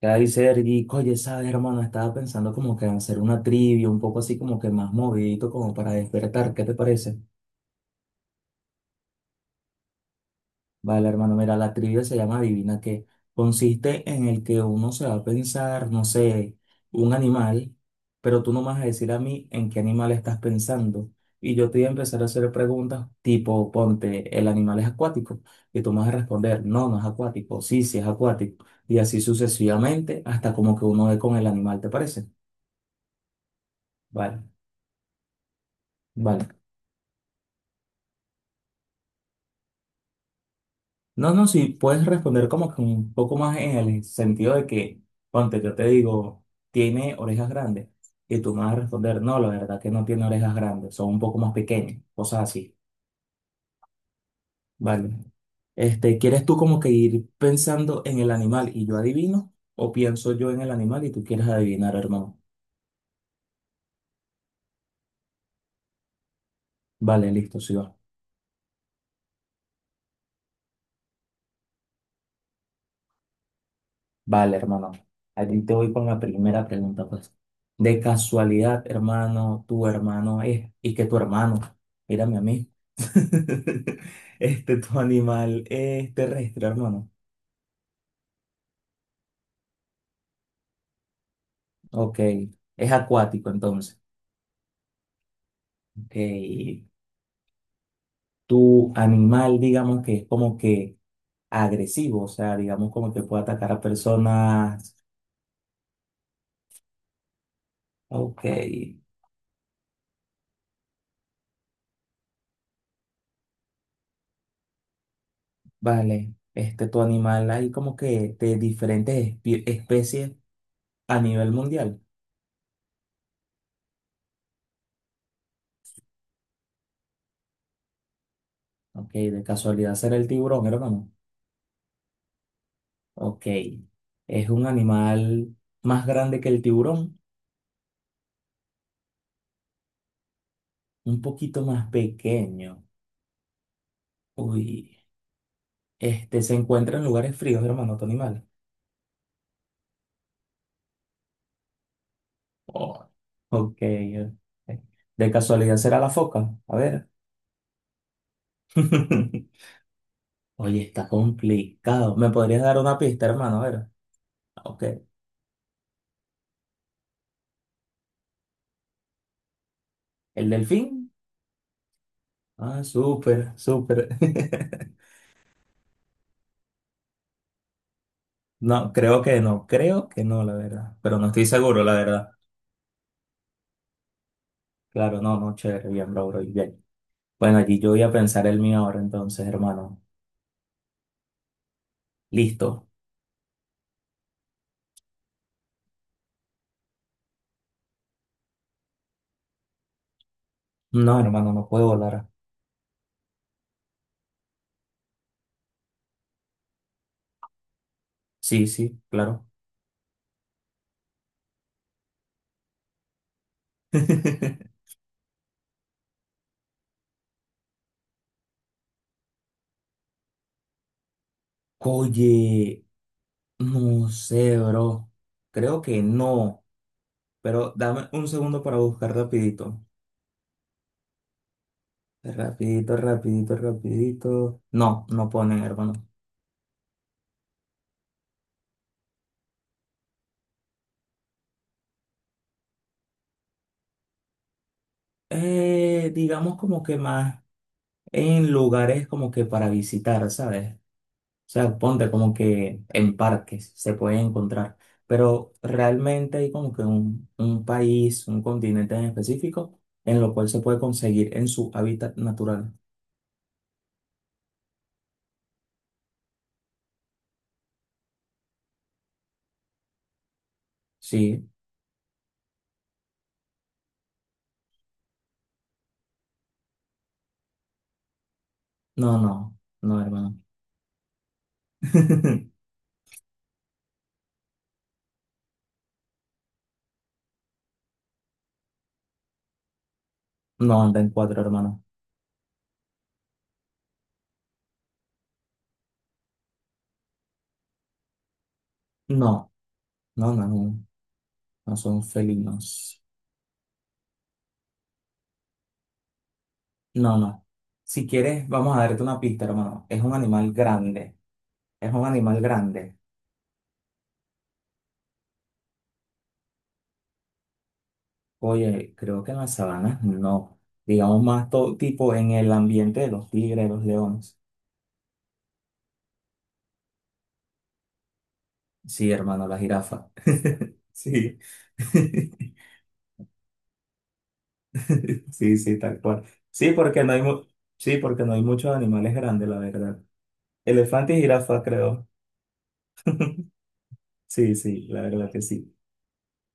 Ya ahí Sergi, oye, sabes, hermano, estaba pensando como que en hacer una trivia, un poco así como que más movidito, como para despertar, ¿qué te parece? Vale, hermano, mira, la trivia se llama Adivina qué. Consiste en el que uno se va a pensar, no sé, un animal, pero tú no me vas a decir a mí en qué animal estás pensando. Y yo te voy a empezar a hacer preguntas tipo, ponte, ¿el animal es acuático? Y tú me vas a responder, no, no es acuático, sí, sí es acuático. Y así sucesivamente, hasta como que uno ve con el animal, ¿te parece? Vale. Vale. No, no, si puedes responder como que un poco más en el sentido de que, ponte, yo te digo, tiene orejas grandes. Y tú me vas a responder, no, la verdad que no tiene orejas grandes, son un poco más pequeñas, cosas así. Vale. Este, ¿quieres tú como que ir pensando en el animal y yo adivino? ¿O pienso yo en el animal y tú quieres adivinar, hermano? Vale, listo, sí va. Vale, hermano. Allí te voy con la primera pregunta, pues. De casualidad, hermano, tu hermano es, y que tu hermano, mírame a mí. Este, tu animal es terrestre, hermano. Ok. Es acuático, entonces. Ok. Tu animal, digamos que es como que agresivo, o sea, digamos como que puede atacar a personas. Ok. Vale. Este, tu animal hay como que de diferentes especies a nivel mundial. Ok. De casualidad será el tiburón, hermano. Ok. Es un animal más grande que el tiburón, un poquito más pequeño. Uy, este se encuentra en lugares fríos, hermano, tu animal. Oh, Ok. De casualidad será la foca. A ver. Oye, está complicado. ¿Me podrías dar una pista, hermano? A ver. Ah, Ok. ¿El delfín? Ah, súper, súper. No, creo que no. Creo que no, la verdad. Pero no estoy seguro, la verdad. Claro, no, no, chévere. Bien, bro, bro. Bien. Bueno, allí yo voy a pensar el mío ahora, entonces, hermano. Listo. No, hermano, no puedo volar. Sí, sí, claro. Oye, no sé, bro. Creo que no. Pero dame un segundo para buscar rapidito. Rapidito, rapidito, rapidito. No, no ponen, hermano. Digamos como que más en lugares como que para visitar, ¿sabes? O sea, ponte como que en parques se puede encontrar. Pero realmente hay como que un país, un continente en específico, en lo cual se puede conseguir en su hábitat natural. Sí. No, no, no, hermano. No anda en cuatro, hermano. No, no, no, no, no son felinos. No, no. Si quieres, vamos a darte una pista, hermano. Es un animal grande. Es un animal grande. Oye, creo que en las sabanas no. Digamos más todo tipo en el ambiente de los tigres, los leones. Sí, hermano, la jirafa. Sí. Sí, sí, tal cual. Sí, porque no hay mu- sí, porque no hay muchos animales grandes, la verdad. Elefante y jirafa, creo. Sí, sí, la verdad que sí.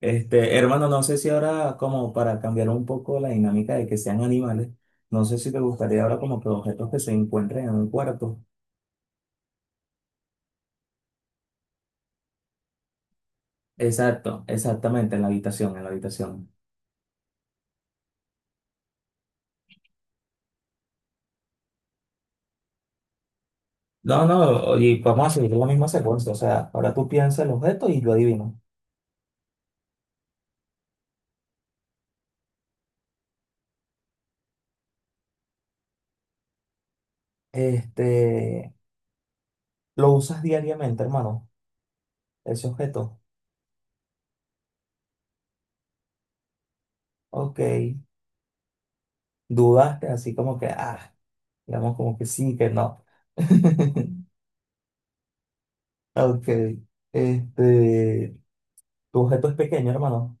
Este, hermano, no sé si ahora, como para cambiar un poco la dinámica de que sean animales, no sé si te gustaría ahora como que objetos que se encuentren en un cuarto. Exacto, exactamente, en la habitación, en la habitación. No, no, y vamos a seguir la misma secuencia, o sea, ahora tú piensas el objeto y lo adivinas. Este, lo usas diariamente, hermano, ese objeto. Ok, dudaste así como que, ah, digamos como que sí, que no. Ok. Este, tu objeto es pequeño, hermano.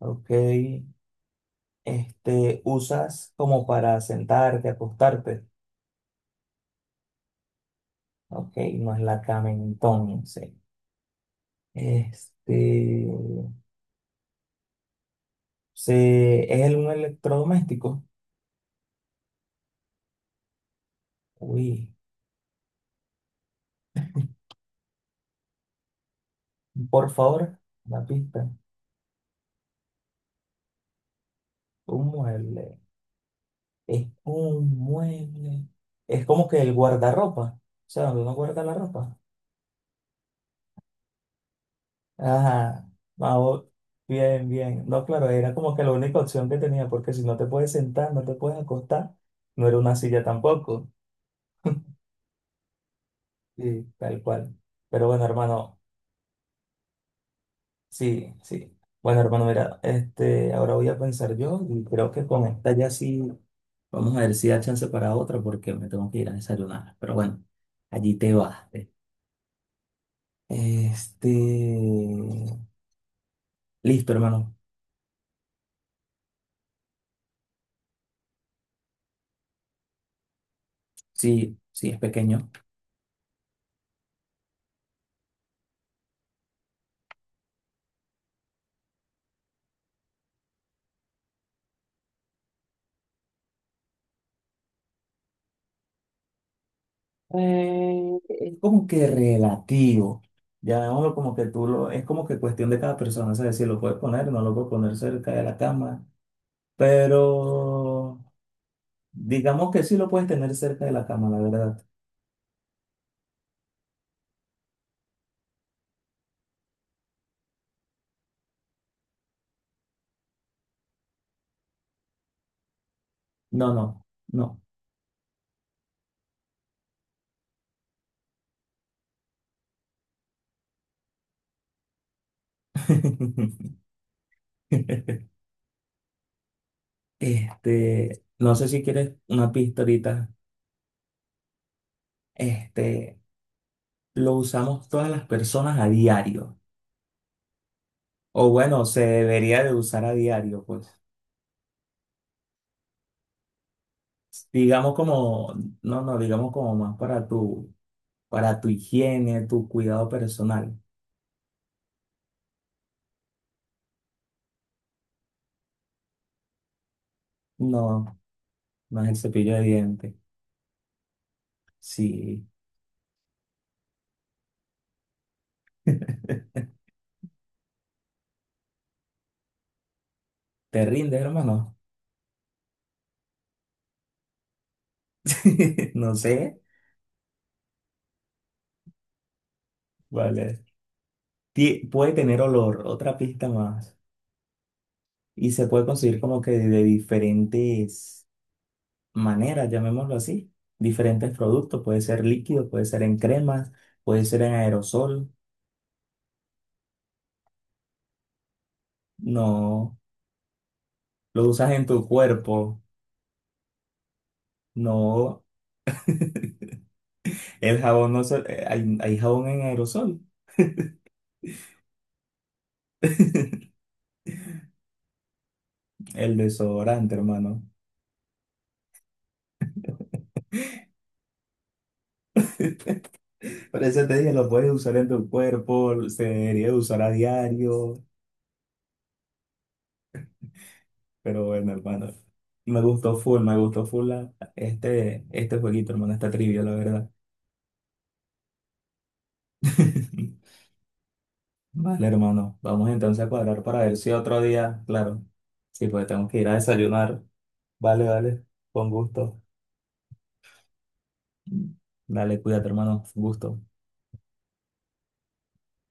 Ok. Este, usas como para sentarte, acostarte. Ok, no es la cama entonces. Este, un electrodoméstico. Uy, por favor, una pista. Un mueble. Es un mueble. Es como que el guardarropa. O sea, donde uno guarda la ropa. Ajá, vamos, bien, bien. No, claro, era como que la única opción que tenía, porque si no te puedes sentar, no te puedes acostar, no era una silla tampoco. Sí, tal cual. Pero bueno, hermano, sí, sí. Bueno, hermano, mira, este, ahora voy a pensar yo y creo que con esta ya sí, vamos a ver si da chance para otra, porque me tengo que ir a desayunar. Pero bueno, allí te vas. Este, listo, hermano. Sí, sí, es pequeño. Es como que relativo. Llamémoslo como que tú lo, es como que cuestión de cada persona, ¿sabes? Si lo puedes poner, no lo puedes poner cerca de la cama, pero digamos que sí lo puedes tener cerca de la cama, la verdad. No, no, no. Este, no sé si quieres una pista ahorita. Este, lo usamos todas las personas a diario. O bueno, se debería de usar a diario, pues. Digamos como, no, no, digamos como más para tú. Para tu higiene, tu cuidado personal. No, no es el cepillo de dientes. Si te rinde, hermano, no sé, vale. Ti- puede tener olor, otra pista más. Y se puede conseguir como que de diferentes maneras, llamémoslo así. Diferentes productos, puede ser líquido, puede ser en cremas, puede ser en aerosol. No, lo usas en tu cuerpo. No, el jabón no se, hay jabón en aerosol. El desodorante, hermano. Por eso te dije, lo puedes usar en tu cuerpo, se debería usar a diario, pero bueno, hermano, me gustó full, este, jueguito, hermano, esta trivia, la verdad. Vale, hermano, vamos entonces a cuadrar para ver si otro día, claro, sí, pues tengo que ir a desayunar. Vale, vale, con gusto. Dale, cuídate, hermano, gusto.